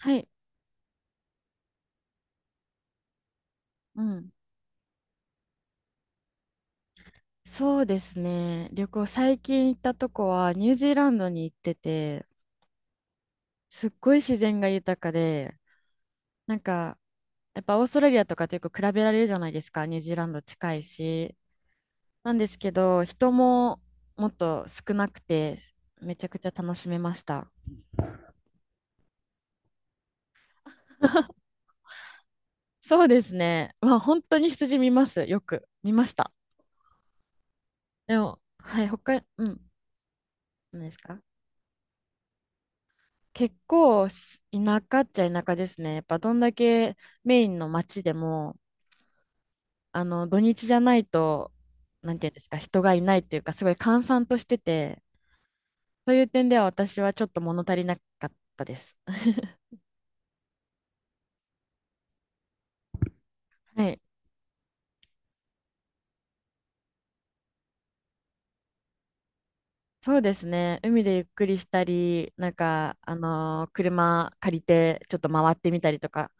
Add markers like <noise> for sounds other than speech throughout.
はい。うん。そうですね。旅行、最近行ったとこはニュージーランドに行ってて、すっごい自然が豊かで、なんか、やっぱオーストラリアとかとよく比べられるじゃないですか、ニュージーランド近いし。なんですけど、人ももっと少なくて、めちゃくちゃ楽しめました。そうですね。まあ、本当に羊見ます。よく見ました。でも、はい、他、うん、何ですか？結構し田舎っちゃ田舎ですね。やっぱどんだけメインの町でも、あの土日じゃないと、なんていうんですか、人がいないというか、すごい閑散としてて、そういう点では私はちょっと物足りなかったです。<laughs> はい。そうですね。海でゆっくりしたり、車借りてちょっと回ってみたりとか、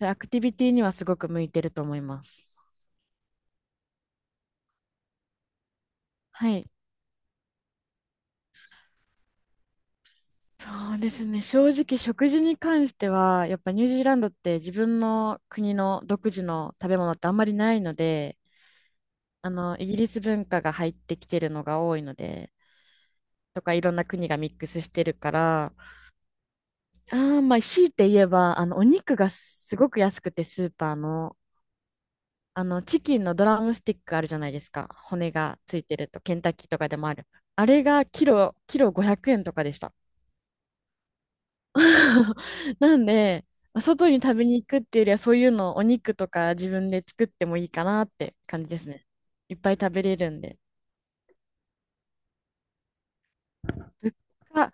アクティビティにはすごく向いてると思います。はい。そうですね。正直、食事に関しては、やっぱニュージーランドって自分の国の独自の食べ物ってあんまりないので、イギリス文化が入ってきてるのが多いので、とかいろんな国がミックスしてるから、あーまあ、強いて言えば、あの、お肉がすごく安くて、スーパーの、チキンのドラムスティックあるじゃないですか。骨がついてると、ケンタッキーとかでもある。あれがキロ500円とかでした。<laughs> なんで、まあ外に食べに行くっていうよりは、そういうのをお肉とか自分で作ってもいいかなって感じですね。いっぱい食べれるんで。物価、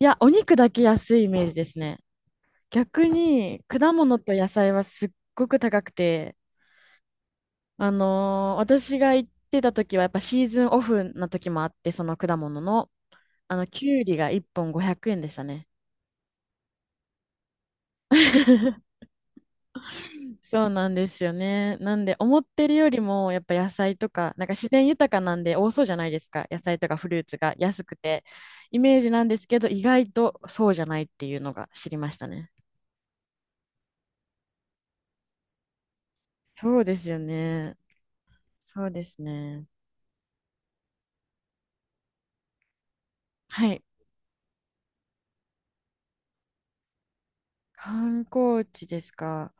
いや、お肉だけ安いイメージですね。逆に、果物と野菜はすっごく高くて、私が行ってた時は、やっぱシーズンオフな時もあって、その果物の、きゅうりが1本500円でしたね。<laughs> そうなんですよね。なんで、思ってるよりも、やっぱ野菜とか、なんか自然豊かなんで多そうじゃないですか。野菜とかフルーツが安くて、イメージなんですけど、意外とそうじゃないっていうのが知りましたね。そうですよね。そうですね。はい。観光地ですか？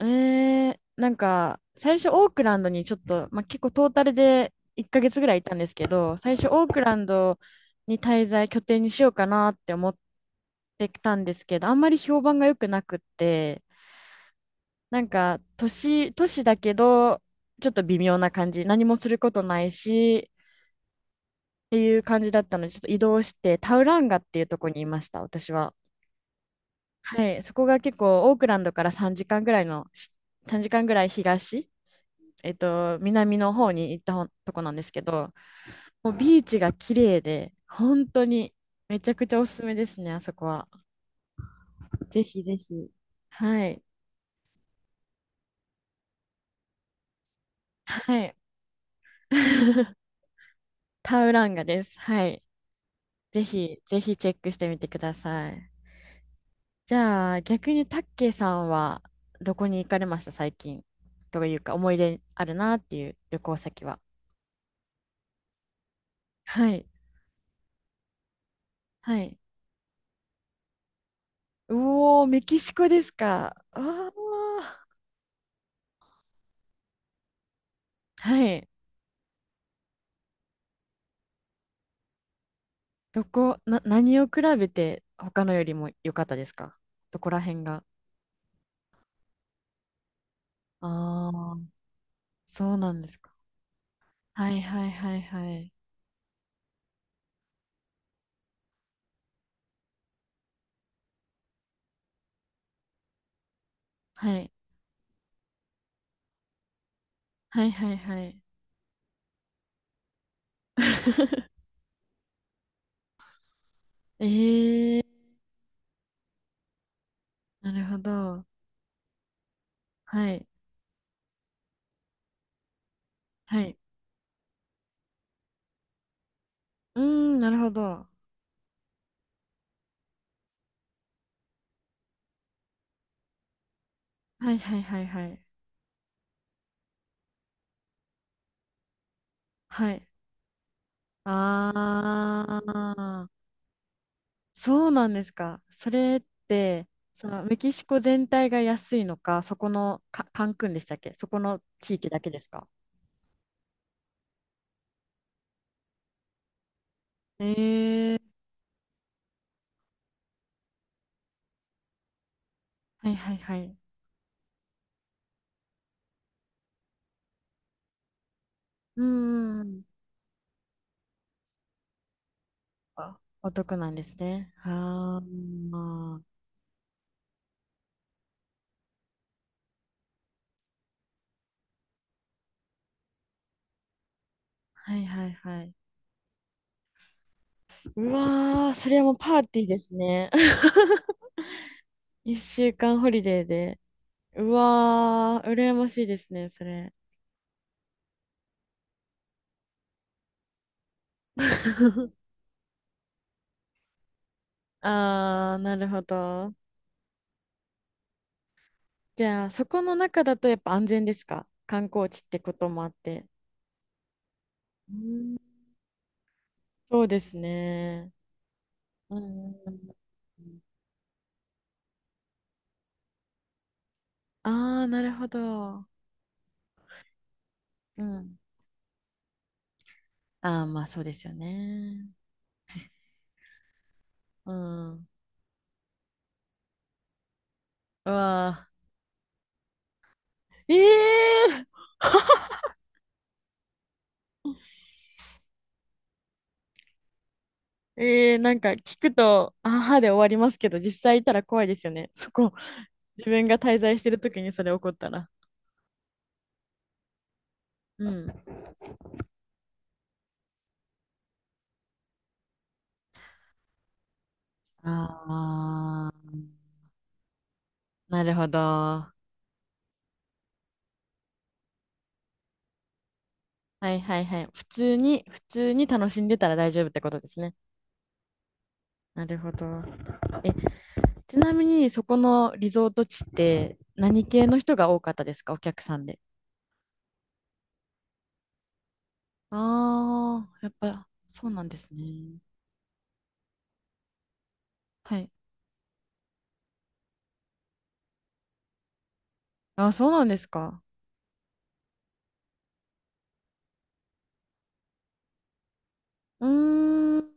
最初オークランドにちょっと、まあ、結構トータルで1ヶ月ぐらいいたんですけど、最初オークランドに滞在、拠点にしようかなって思ってたんですけど、あんまり評判が良くなくって、都市だけど、ちょっと微妙な感じ、何もすることないし、っていう感じだったので、ちょっと移動して、タウランガっていうとこにいました、私は。はい、そこが結構、オークランドから3時間ぐらいの、3時間ぐらい東。えっと、南の方に行ったほとこなんですけど、もうビーチが綺麗で、本当にめちゃくちゃおすすめですね、あそこは。ぜひぜひ。はい。はい。<laughs> タウランガです。はい。ぜひ、ぜひチェックしてみてください。じゃあ、逆にタッケイさんはどこに行かれました、最近。というか、思い出あるなっていう旅行先は。はい。はい。うおー、メキシコですか。ああ。はい。どこ、な、何を比べて他のよりも良かったですか？どこら辺が。ああ、そうなんですか。はいはいはいはい。はい。はいはいはい。<laughs> ええー、なるほど。はい。はい。うーん、なるほど。はいはいはいはい。はい。ああ、そうなんですか。それって、そのメキシコ全体が安いのか、カンクンでしたっけ？そこの地域だけですか？ええ、はいはいはい。うんん。あ、お得なんですね。あうーん、あ、はいはいはい。うわー、それはもうパーティーですね。<laughs> 一週間ホリデーで。うわー、羨ましいですね、それ。<laughs> あー、なるほど。じゃあ、そこの中だとやっぱ安全ですか？観光地ってこともあって。うん、そうですね。うん、あん。あー、なるほど。うん。あー、まあそうですよね。うん。うわー、ええー、ええー、なんか聞くと、あはで終わりますけど、実際いたら怖いですよね。そこ、自分が滞在してる時にそれ起こったら。うん。ああ、なるほど。はいはいはい。普通に、普通に楽しんでたら大丈夫ってことですね。なるほど。え、ちなみにそこのリゾート地って何系の人が多かったですか、お客さんで。ああ、やっぱそうなんですね。はい。あ、そうなんですか。うーん。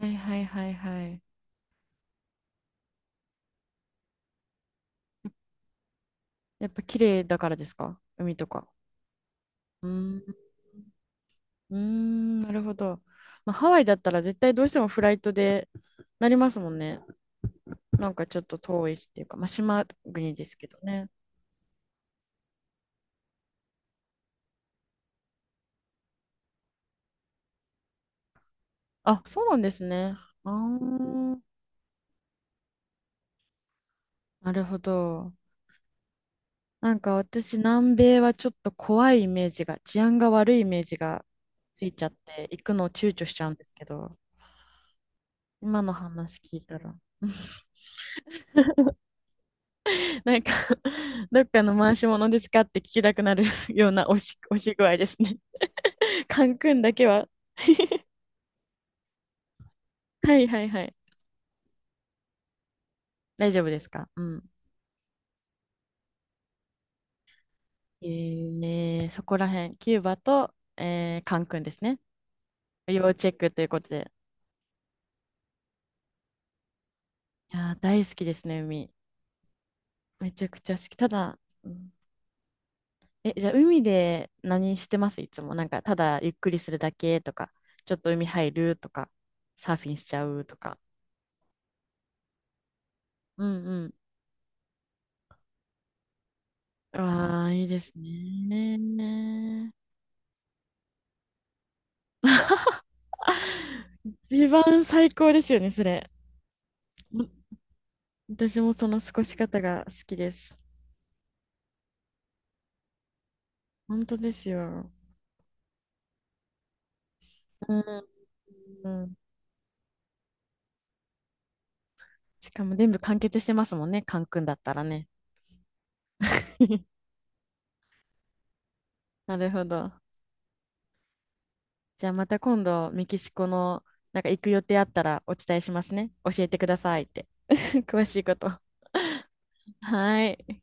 はいはいはいはい。やっぱ綺麗だからですか？海とか。うーん。うーん、なるほど。まあ、ハワイだったら絶対どうしてもフライトでなりますもんね。なんかちょっと遠いしっていうか、まあ、島国ですけどね。あ、そうなんですね。あー、なるほど。なんか私、南米はちょっと怖いイメージが、治安が悪いイメージがついちゃって、行くのを躊躇しちゃうんですけど、今の話聞いたら。<laughs> なんか <laughs> どっかの回し物ですかって聞きたくなる <laughs> ような押し具合ですね。<laughs> カンクンだけは。はいはいはい。大丈夫ですか？うん。えー、そこら辺、キューバと、えー、カンクンですね。要チェックということで。いやー、大好きですね、海。めちゃくちゃ好き。ただ、うん、え、じゃあ海で何してます？いつも。なんか、ただゆっくりするだけとか、ちょっと海入るとか、サーフィンしちゃうとか。うんうん、ああ、いいですね。一番最高ですよね、それ。も私もその過ごし方が好きです。本当ですよ。うん。うん、しかも全部完結してますもんね、カン君だったらね。<laughs> なるほど。じゃあまた今度、メキシコの、なんか行く予定あったらお伝えしますね。教えてくださいって。<laughs> 詳しいこと。はい。